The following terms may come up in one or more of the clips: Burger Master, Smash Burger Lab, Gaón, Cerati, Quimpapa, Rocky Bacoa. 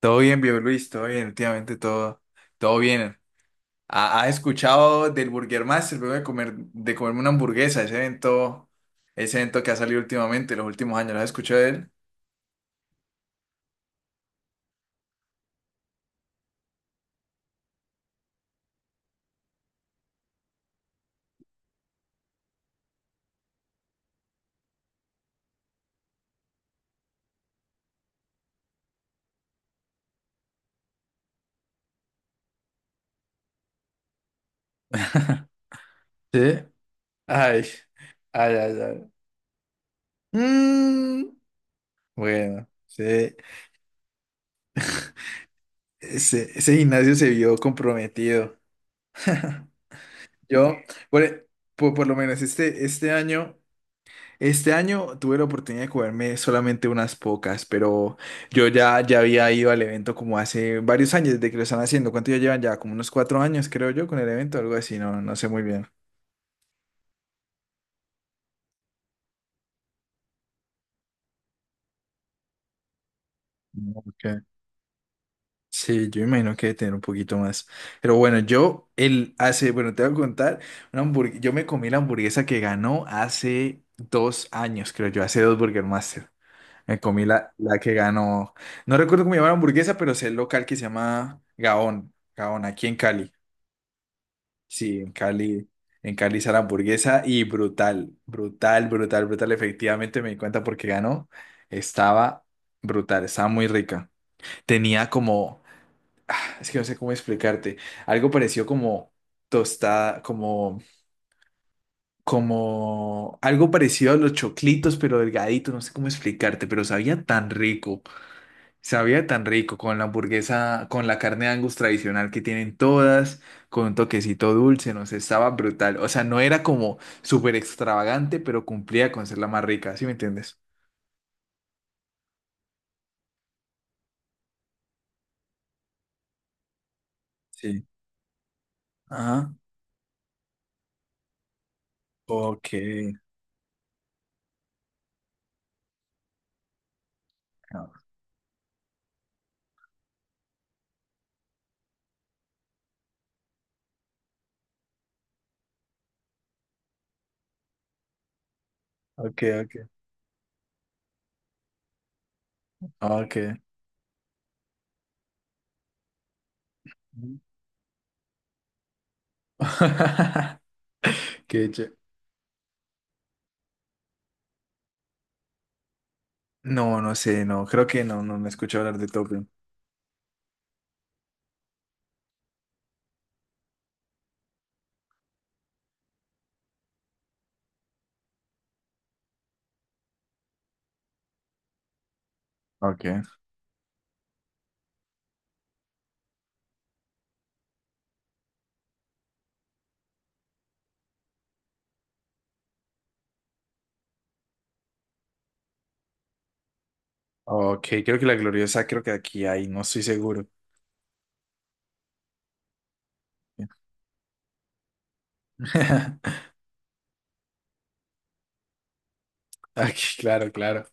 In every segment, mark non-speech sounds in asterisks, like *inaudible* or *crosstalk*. Todo bien, viejo Luis, todo bien, últimamente todo bien. ¿Has escuchado del Burger Master, luego de comerme una hamburguesa, ese evento que ha salido últimamente, los últimos años, lo has escuchado de él? *laughs* ¿Sí? Ay, ay, ay, ay. Mm, bueno, sí, ese gimnasio se vio comprometido. *laughs* Yo, por, por lo menos este año. Este año tuve la oportunidad de comerme solamente unas pocas, pero yo ya había ido al evento como hace varios años, desde que lo están haciendo. ¿Cuánto ya llevan ya? Como unos 4 años, creo yo, con el evento, algo así, no, no sé muy bien. Ok. Sí, yo imagino que debe tener un poquito más. Pero bueno, bueno, te voy a contar, yo me comí la hamburguesa que ganó hace 2 años, creo yo, hace dos Burger Master. Me comí la que ganó. No recuerdo cómo llamaba la hamburguesa, pero sé el local que se llama Gaón. Gaón, aquí en Cali. Sí, en Cali. En Cali hizo la hamburguesa y brutal, brutal, brutal, brutal. Efectivamente me di cuenta porque ganó. Estaba brutal, estaba muy rica. Tenía como, es que no sé cómo explicarte, algo parecido como tostada, algo parecido a los choclitos, pero delgadito, no sé cómo explicarte, pero sabía tan rico. Sabía tan rico con la hamburguesa, con la carne de Angus tradicional que tienen todas, con un toquecito dulce, no sé, estaba brutal. O sea, no era como súper extravagante, pero cumplía con ser la más rica, ¿sí me entiendes? Sí. Ajá. Ok. No. Ok, ok. Ok. Mm. *laughs* Qué ché- No, no sé, no, creo que no, no me escuché hablar de Top Gun. Ok. Ok, creo que la gloriosa, creo que aquí hay, no estoy seguro. *laughs* Ay, claro, claro.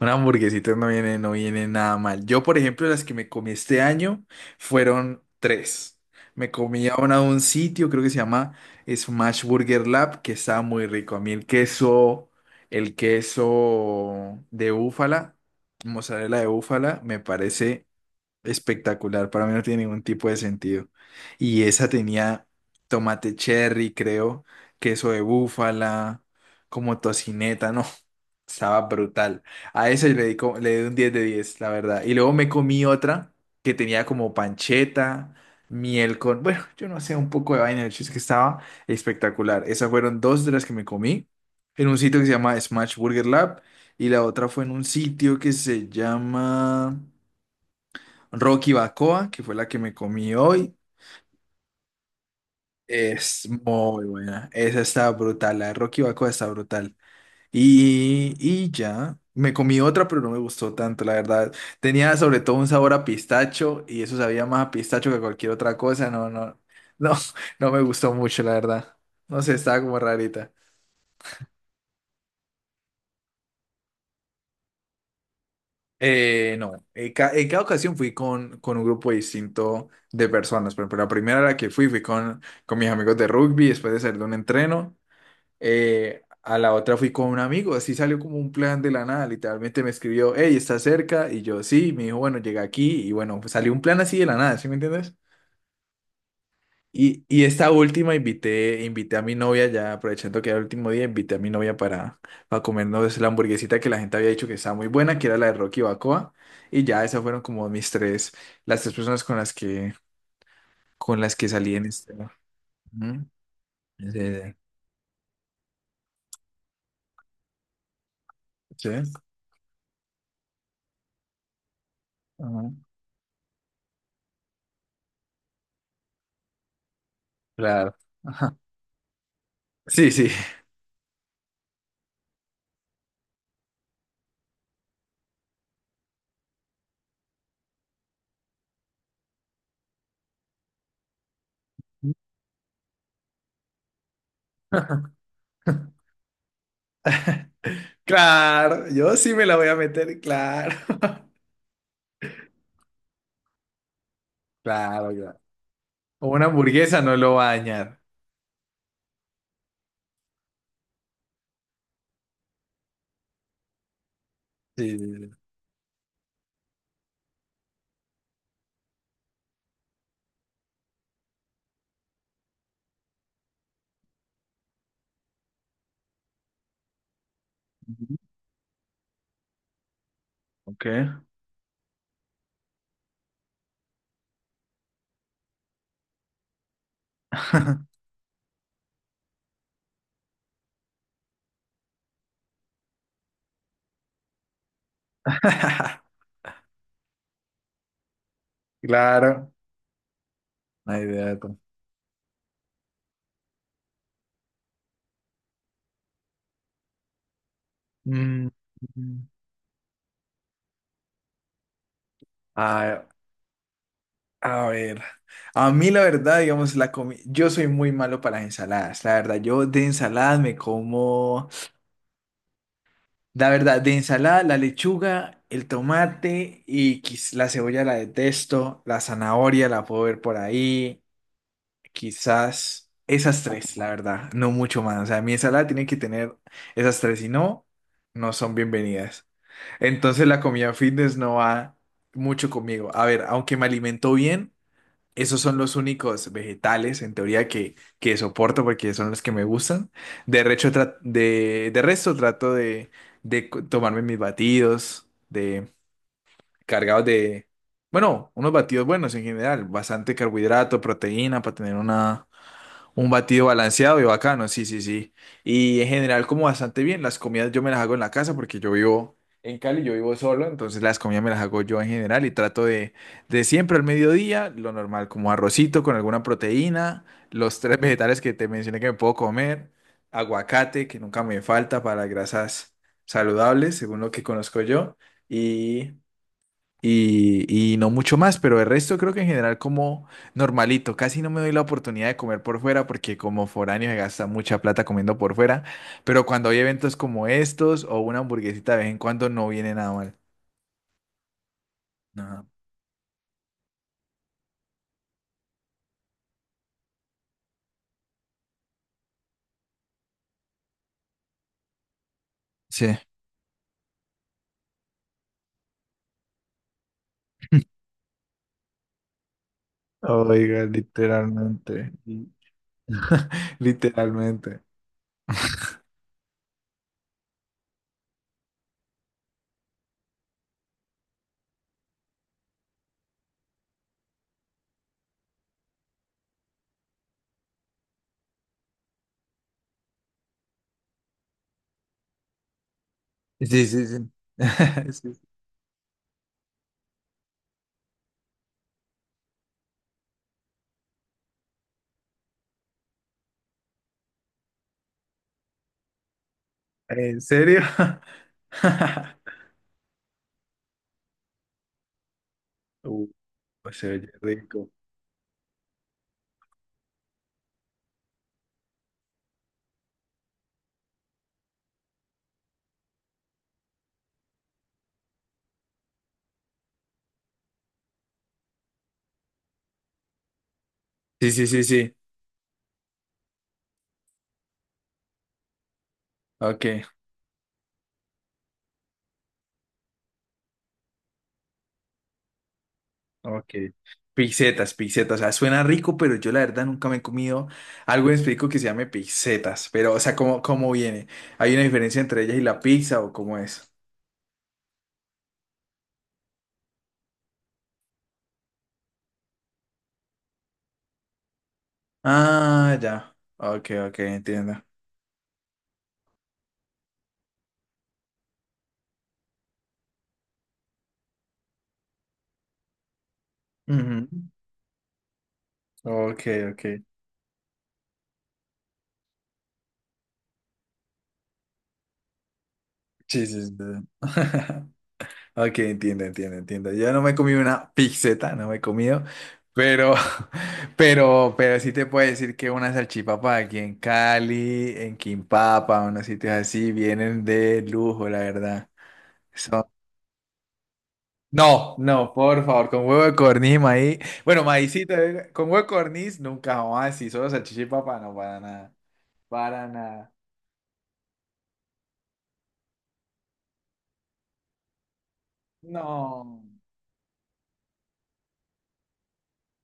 Una hamburguesita no viene, no viene nada mal. Yo, por ejemplo, las que me comí este año fueron tres. Me comí a una de un sitio, creo que se llama Smash Burger Lab, que estaba muy rico. A mí el queso de búfala, mozzarella de búfala, me parece espectacular, para mí no tiene ningún tipo de sentido. Y esa tenía tomate cherry, creo, queso de búfala, como tocineta, no, *laughs* estaba brutal. A esa yo le di, le di un 10 de 10 la verdad. Y luego me comí otra que tenía como pancheta, miel con, bueno, yo no sé, un poco de vaina, el chiste es que estaba espectacular. Esas fueron dos de las que me comí en un sitio que se llama Smash Burger Lab y la otra fue en un sitio que se llama... Rocky Bacoa, que fue la que me comí hoy, es muy buena. Esa está brutal, la de Rocky Bacoa está brutal. Y ya, me comí otra, pero no me gustó tanto, la verdad. Tenía sobre todo un sabor a pistacho y eso sabía más a pistacho que a cualquier otra cosa. No, no, no, *laughs* no me gustó mucho, la verdad. No sé, estaba como rarita. No, en, en cada ocasión fui con un grupo distinto de personas. Por ejemplo, la primera a la que fui, fui con mis amigos de rugby después de salir de un entreno. A la otra fui con un amigo, así salió como un plan de la nada, literalmente me escribió, hey, ¿estás cerca? Y yo, sí, me dijo, bueno, llega aquí y bueno, pues salió un plan así de la nada, ¿sí me entiendes? Y esta última invité a mi novia ya, aprovechando que era el último día, invité a mi novia para comernos la hamburguesita que la gente había dicho que estaba muy buena, que era la de Rocky Bacoa, y ya esas fueron como mis tres, las tres personas con las que salí en este... ¿no? Ujú. Sí, sí. Ujú. Claro. Ajá. Sí, sí. Claro, yo sí me la voy a meter, claro. *laughs* Claro, claro. O una hamburguesa no lo va a dañar. Sí, sí, sí. Ujú. Ok. *laughs* Claro, una idea de todo. Mm, mm. A, a ver, a mí la verdad, digamos, la comi yo soy muy malo para las ensaladas, la verdad, yo de ensaladas me como, la verdad, de ensalada la lechuga, el tomate y la cebolla la detesto, la zanahoria la puedo ver por ahí, quizás esas tres, la verdad, no mucho más. O sea, mi ensalada tiene que tener esas tres, si no, no son bienvenidas. Entonces la comida fitness no va mucho conmigo. A ver, aunque me alimento bien, esos son los únicos vegetales, en teoría, que soporto porque son los que me gustan. De resto trato de tomarme mis batidos, de cargados de, bueno, unos batidos buenos en general, bastante carbohidrato, proteína para tener una un batido balanceado y bacano, sí, sí, sí. Y en general como bastante bien, las comidas yo me las hago en la casa porque yo vivo en Cali, yo vivo solo, entonces las comidas me las hago yo en general y trato de siempre al mediodía, lo normal, como arrocito con alguna proteína, los tres *laughs* vegetales que te mencioné que me puedo comer, aguacate, que nunca me falta para grasas saludables, según lo que conozco yo, y y, y no mucho más, pero el resto creo que en general como normalito, casi no me doy la oportunidad de comer por fuera porque como foráneo se gasta mucha plata comiendo por fuera, pero cuando hay eventos como estos o una hamburguesita de vez en cuando no viene nada mal. No. Sí. *laughs* Oiga, literalmente. Sí. *laughs* Literalmente. Sí, sí, sí. *laughs* Sí. ¿En serio? *laughs* Uh, se oye rico. Sí, sí, sí, sí. Ok. Ok. Pizzetas, pizzetas. O sea, suena rico, pero yo la verdad nunca me he comido algo en específico que se llame pizzetas. Pero, o sea, ¿cómo viene? ¿Hay una diferencia entre ellas y la pizza o cómo es? Ah, ya. Ok, ok, entiendo. Ujú. Ok, ok. Sí, sí, sí. *laughs* Ok, entiendo, entiendo, entiendo. Yo no me he comido una pizzeta, no me he comido, pero, *laughs* pero sí te puedo decir que una salchipapa aquí en Cali, en Quimpapa, unos sitios así, vienen de lujo, la verdad. Son- No, no, por favor, con huevo de corniz, maíz. Bueno, maízito, con huevo de corniz, nunca jamás, y solo salchichipapa, no, para nada, para nada. No.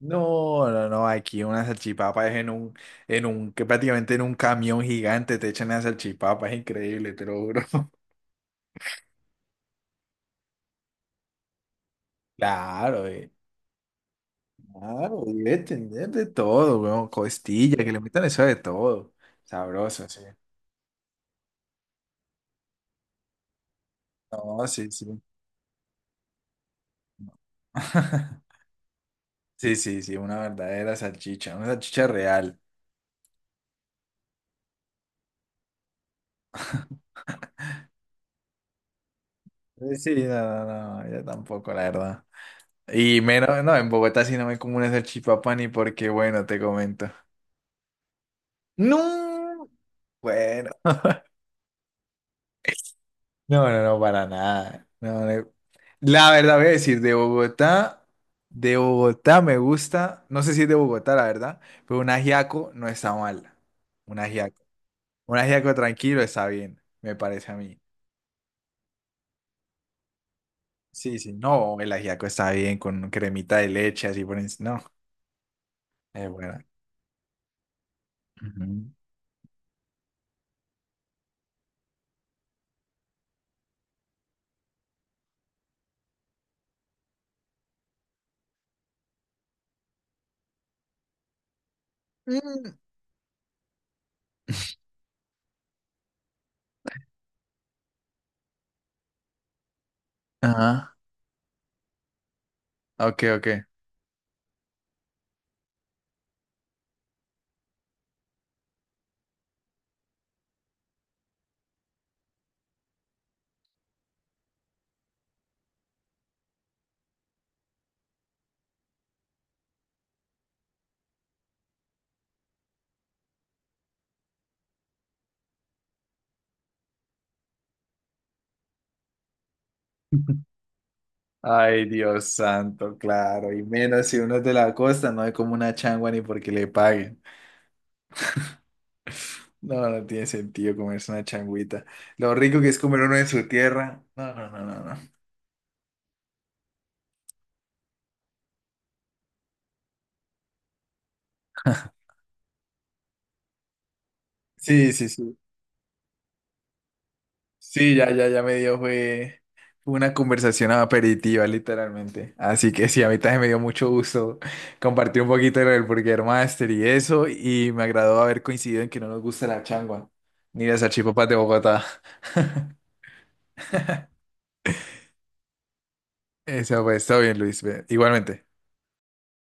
No, no, no, aquí una salchipapa es en un, que prácticamente en un camión gigante te echan la salchipapa, es increíble, te lo juro. *laughs* Claro, claro, debe tener de todo, weón, costilla, que le metan eso de todo, sabroso, sí. No, sí, sí. *laughs* Sí, sí, sí, una verdadera salchicha, una salchicha real. Sí, no, no, no, no, yo tampoco, la verdad. Y menos, no, en Bogotá sí no me como una salchipapa ni porque, bueno, te comento. No, bueno. No, no, no, para nada. No, no. La verdad voy a decir, de Bogotá me gusta, no sé si es de Bogotá, la verdad, pero un ajiaco no está mal. Un ajiaco. Un ajiaco tranquilo está bien, me parece a mí. Sí, sí, no, el ajiaco está bien con cremita de leche, así por encima. No, es buena. Ujú. Mm, ajá, ok, ok. *laughs* Ay, Dios santo, claro. Y menos si uno es de la costa, no hay como una changua ni porque le paguen. No, no tiene sentido comerse una changuita. Lo rico que es comer uno en su tierra. No, no, no, no, no. Sí, sí, sí. Sí, ya, ya, ya me dio fue una conversación aperitiva, literalmente. Así que sí, a mí también me dio mucho gusto compartir un poquito de lo del Burger Master y eso. Y me agradó haber coincidido en que no nos gusta la changua, ni las salchipapas de Bogotá. *laughs* Eso pues, todo bien, Luis. Ve, igualmente.